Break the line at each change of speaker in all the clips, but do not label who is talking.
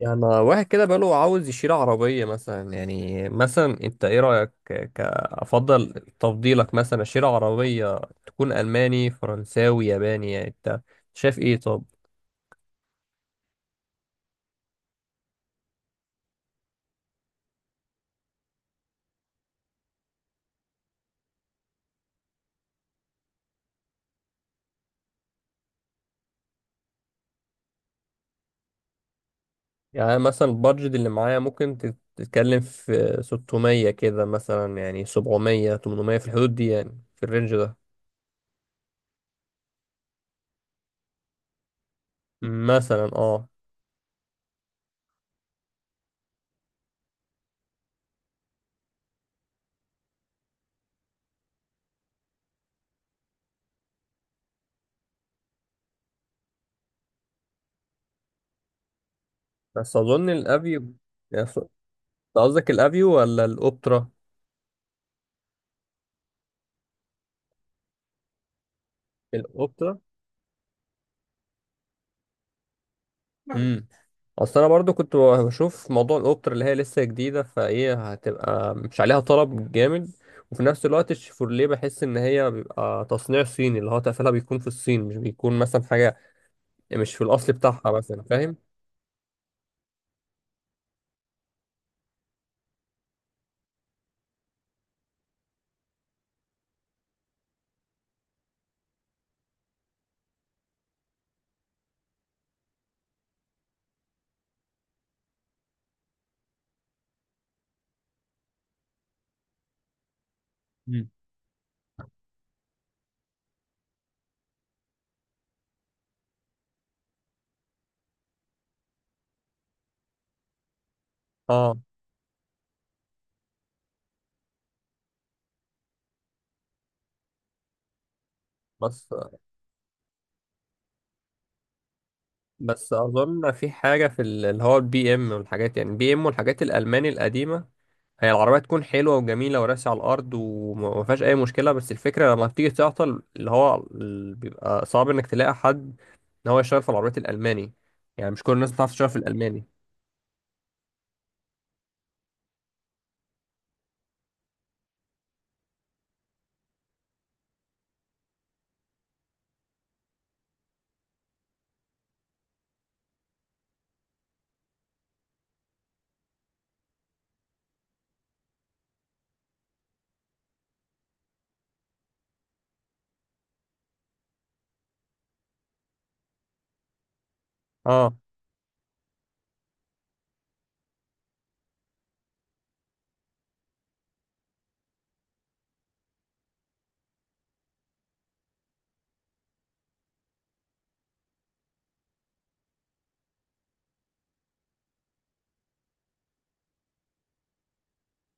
يعني واحد كده بقاله عاوز يشيل عربية مثلا. يعني مثلا انت ايه رأيك كأفضل تفضيلك مثلا اشيل عربية تكون ألماني فرنساوي ياباني؟ يعني انت شايف ايه؟ طب يعني مثلا البادجت اللي معايا ممكن تتكلم في 600 كده مثلا، يعني 700 800، في الحدود دي، يعني في الرينج ده مثلا. اه بس أظن الأفيو. يعني قصدك الأفيو ولا الأوبترا؟ الأوبترا. اصل انا برضو كنت بشوف موضوع الاوبتر اللي هي لسه جديده، فايه هتبقى مش عليها طلب جامد. وفي نفس الوقت الشيفورليه بحس ان هي بيبقى تصنيع صيني، اللي هو تقفلها بيكون في الصين، مش بيكون مثلا حاجه يعني مش في الاصل بتاعها مثلا، فاهم؟ مم. اه بس اظن في حاجه في اللي هو البي ام والحاجات، يعني البي ام والحاجات الالماني القديمه، هي العربية تكون حلوة وجميلة وراسي على الأرض وما فيهاش أي مشكلة. بس الفكرة لما بتيجي تعطل اللي هو بيبقى صعب إنك تلاقي حد إن هو يشتغل في العربيات الألماني. يعني مش كل الناس بتعرف تشتغل في الألماني. اه.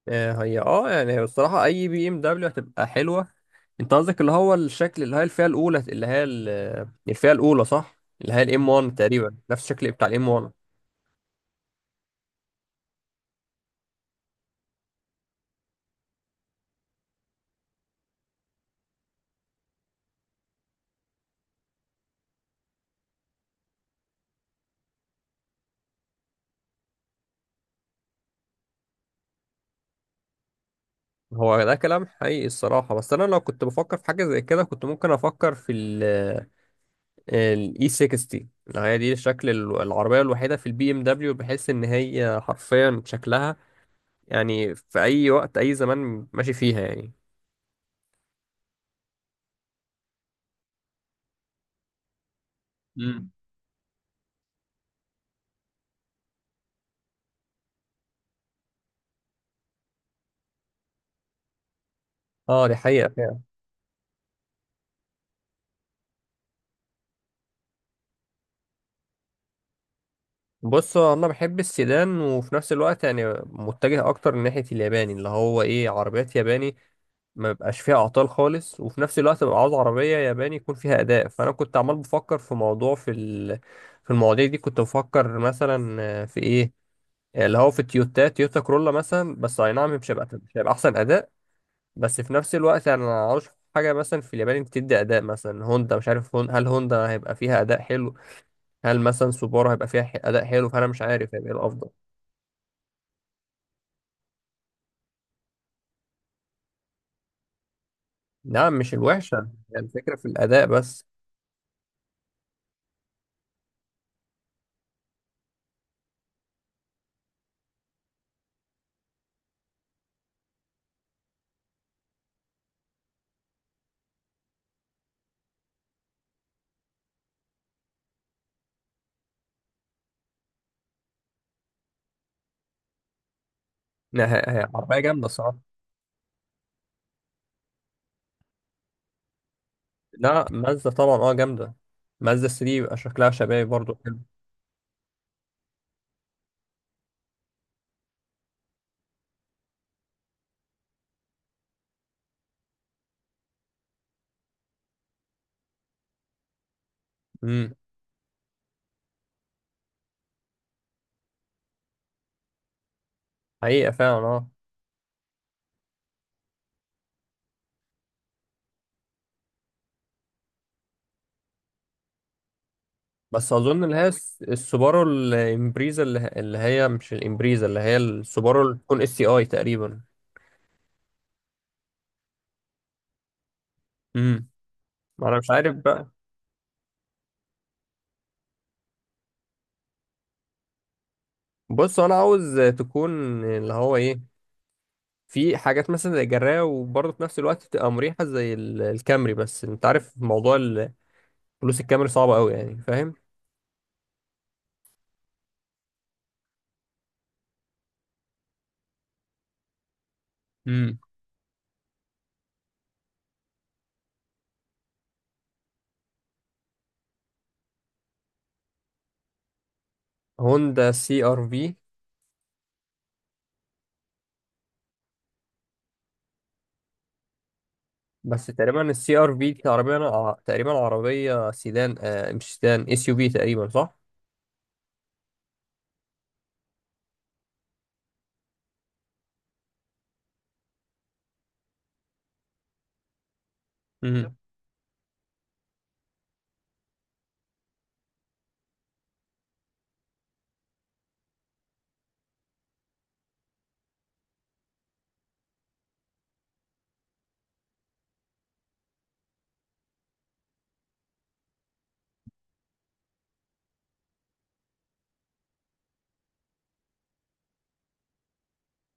هي اه يعني هي الصراحة أي بي إم دبليو هتبقى حلوة. أنت قصدك اللي هو الشكل اللي هي الفئة الأولى اللي هي الفئة الأولى، صح؟ اللي هي الإم 1 تقريبا نفس الشكل بتاع الإم 1. هو ده كلام حقيقي الصراحة. بس أنا لو كنت بفكر في حاجة زي كده كنت ممكن أفكر في الاي 60. هي دي شكل العربية الوحيدة في البي ام دبليو بحيث ان هي حرفيا شكلها يعني في اي وقت اي زمان ماشي فيها يعني. امم اه دي حقيقة فعلا. بص هو انا بحب السيدان، وفي نفس الوقت يعني متجه اكتر ناحية الياباني، اللي هو ايه، عربيات ياباني ما بيبقاش فيها اعطال خالص. وفي نفس الوقت ببقى عاوز عربية ياباني يكون فيها اداء. فانا كنت عمال بفكر في موضوع في في المواضيع دي كنت بفكر مثلا في ايه اللي هو في التويوتا، تويوتا كرولا مثلا. بس اي نعم مش هيبقى، احسن اداء. بس في نفس الوقت يعني انا ما اعرفش حاجه مثلا في اليابان بتدي اداء، مثلا هوندا، مش عارف هون هل هوندا هيبقى فيها اداء حلو، هل مثلا سوبارو هيبقى فيها اداء حلو. فانا مش عارف هيبقى ايه الافضل. نعم مش الوحشه، هي الفكره في الاداء بس. إنها هي هي عربيه جامده الصراحه. لا مازدا طبعا اه جامده. مازدا 3 بيبقى شكلها شبابي برضه حلو. امم حقيقه فعلا اه. بس اظن اللي هي السوبارو الامبريزا اللي، اللي هي مش الامبريزا، اللي هي السوبارو اللي تكون اس سي اي تقريبا. امم ما انا مش عارف بقى. بص انا عاوز تكون اللي هو ايه، في حاجات مثلا زي الجراية وبرضه في نفس الوقت تبقى مريحة زي الكامري. بس انت عارف موضوع فلوس الكامري صعبة قوي يعني، فاهم؟ امم هوندا سي ار في. بس تقريبا السي ار في دي عربية أنا تقريبا عربية سيدان، آه مش سيدان، اس يو في تقريبا، صح؟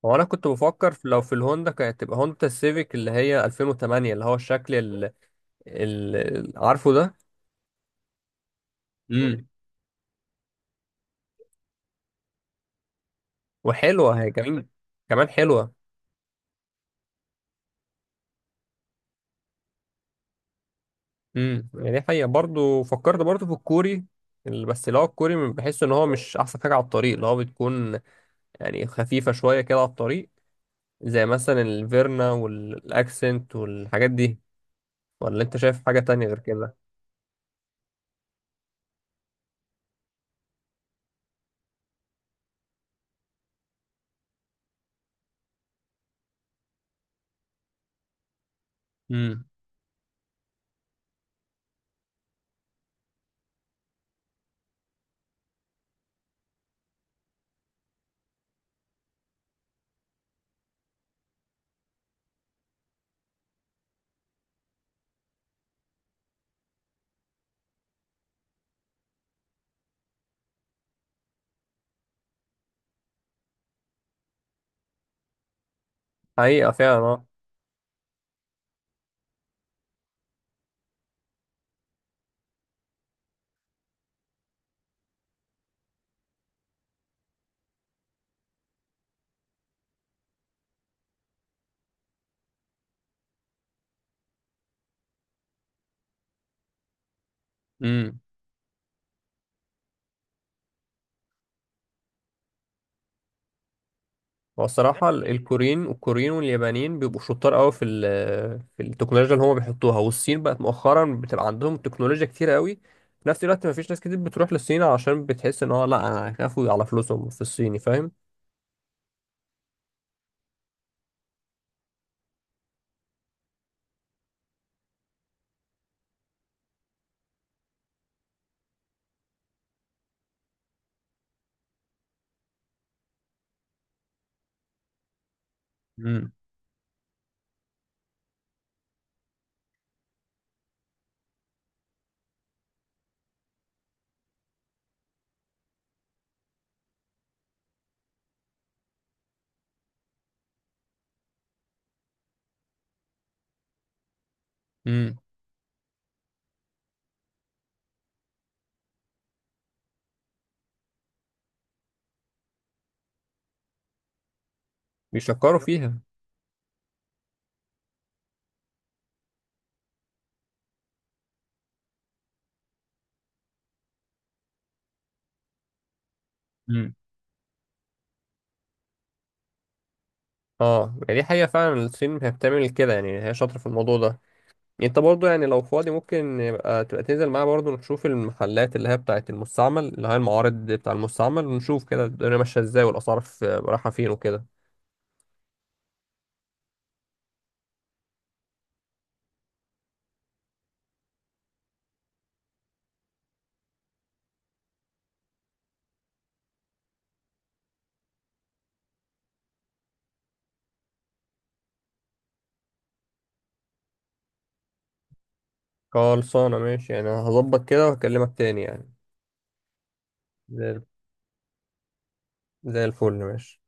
هو انا كنت بفكر في لو في الهوندا كانت تبقى هوندا السيفيك اللي هي 2008، اللي هو الشكل اللي، اللي عارفه ده. امم وحلوه هي كمان، كمان حلوه. يعني دي حقيقه. برضو فكرت برضو في الكوري بس اللي هو الكوري بحس ان هو مش احسن حاجه على الطريق، اللي هو بتكون يعني خفيفه شويه كده على الطريق، زي مثلا الفيرنا والاكسنت والحاجات دي. ولا انت شايف حاجه تانية غير كده؟ امم حقيقه فعلا اه. هو الصراحة الكوريين، والكوريين واليابانيين بيبقوا شطار قوي في في التكنولوجيا اللي هم بيحطوها. والصين بقت مؤخرا بتبقى عندهم تكنولوجيا كتير قوي. في نفس الوقت مفيش ناس كتير بتروح للصين، عشان بتحس ان هو لا انا، هيخافوا على فلوسهم في الصيني، فاهم؟ امم امم بيشكروا فيها. امم اه يعني دي حقيقة فعلا، الصين هي بتعمل كده يعني، هي شاطرة في الموضوع ده. انت برضو يعني لو فاضي ممكن يبقى، تبقى تنزل معايا برضو نشوف المحلات اللي هي بتاعة المستعمل، اللي هي المعارض بتاع المستعمل، ونشوف كده الدنيا ماشية ازاي، والأسعار رايحة فين وكده. خلصانة ماشي، يعني هظبط كده وهكلمك تاني يعني. زي الفل ماشي.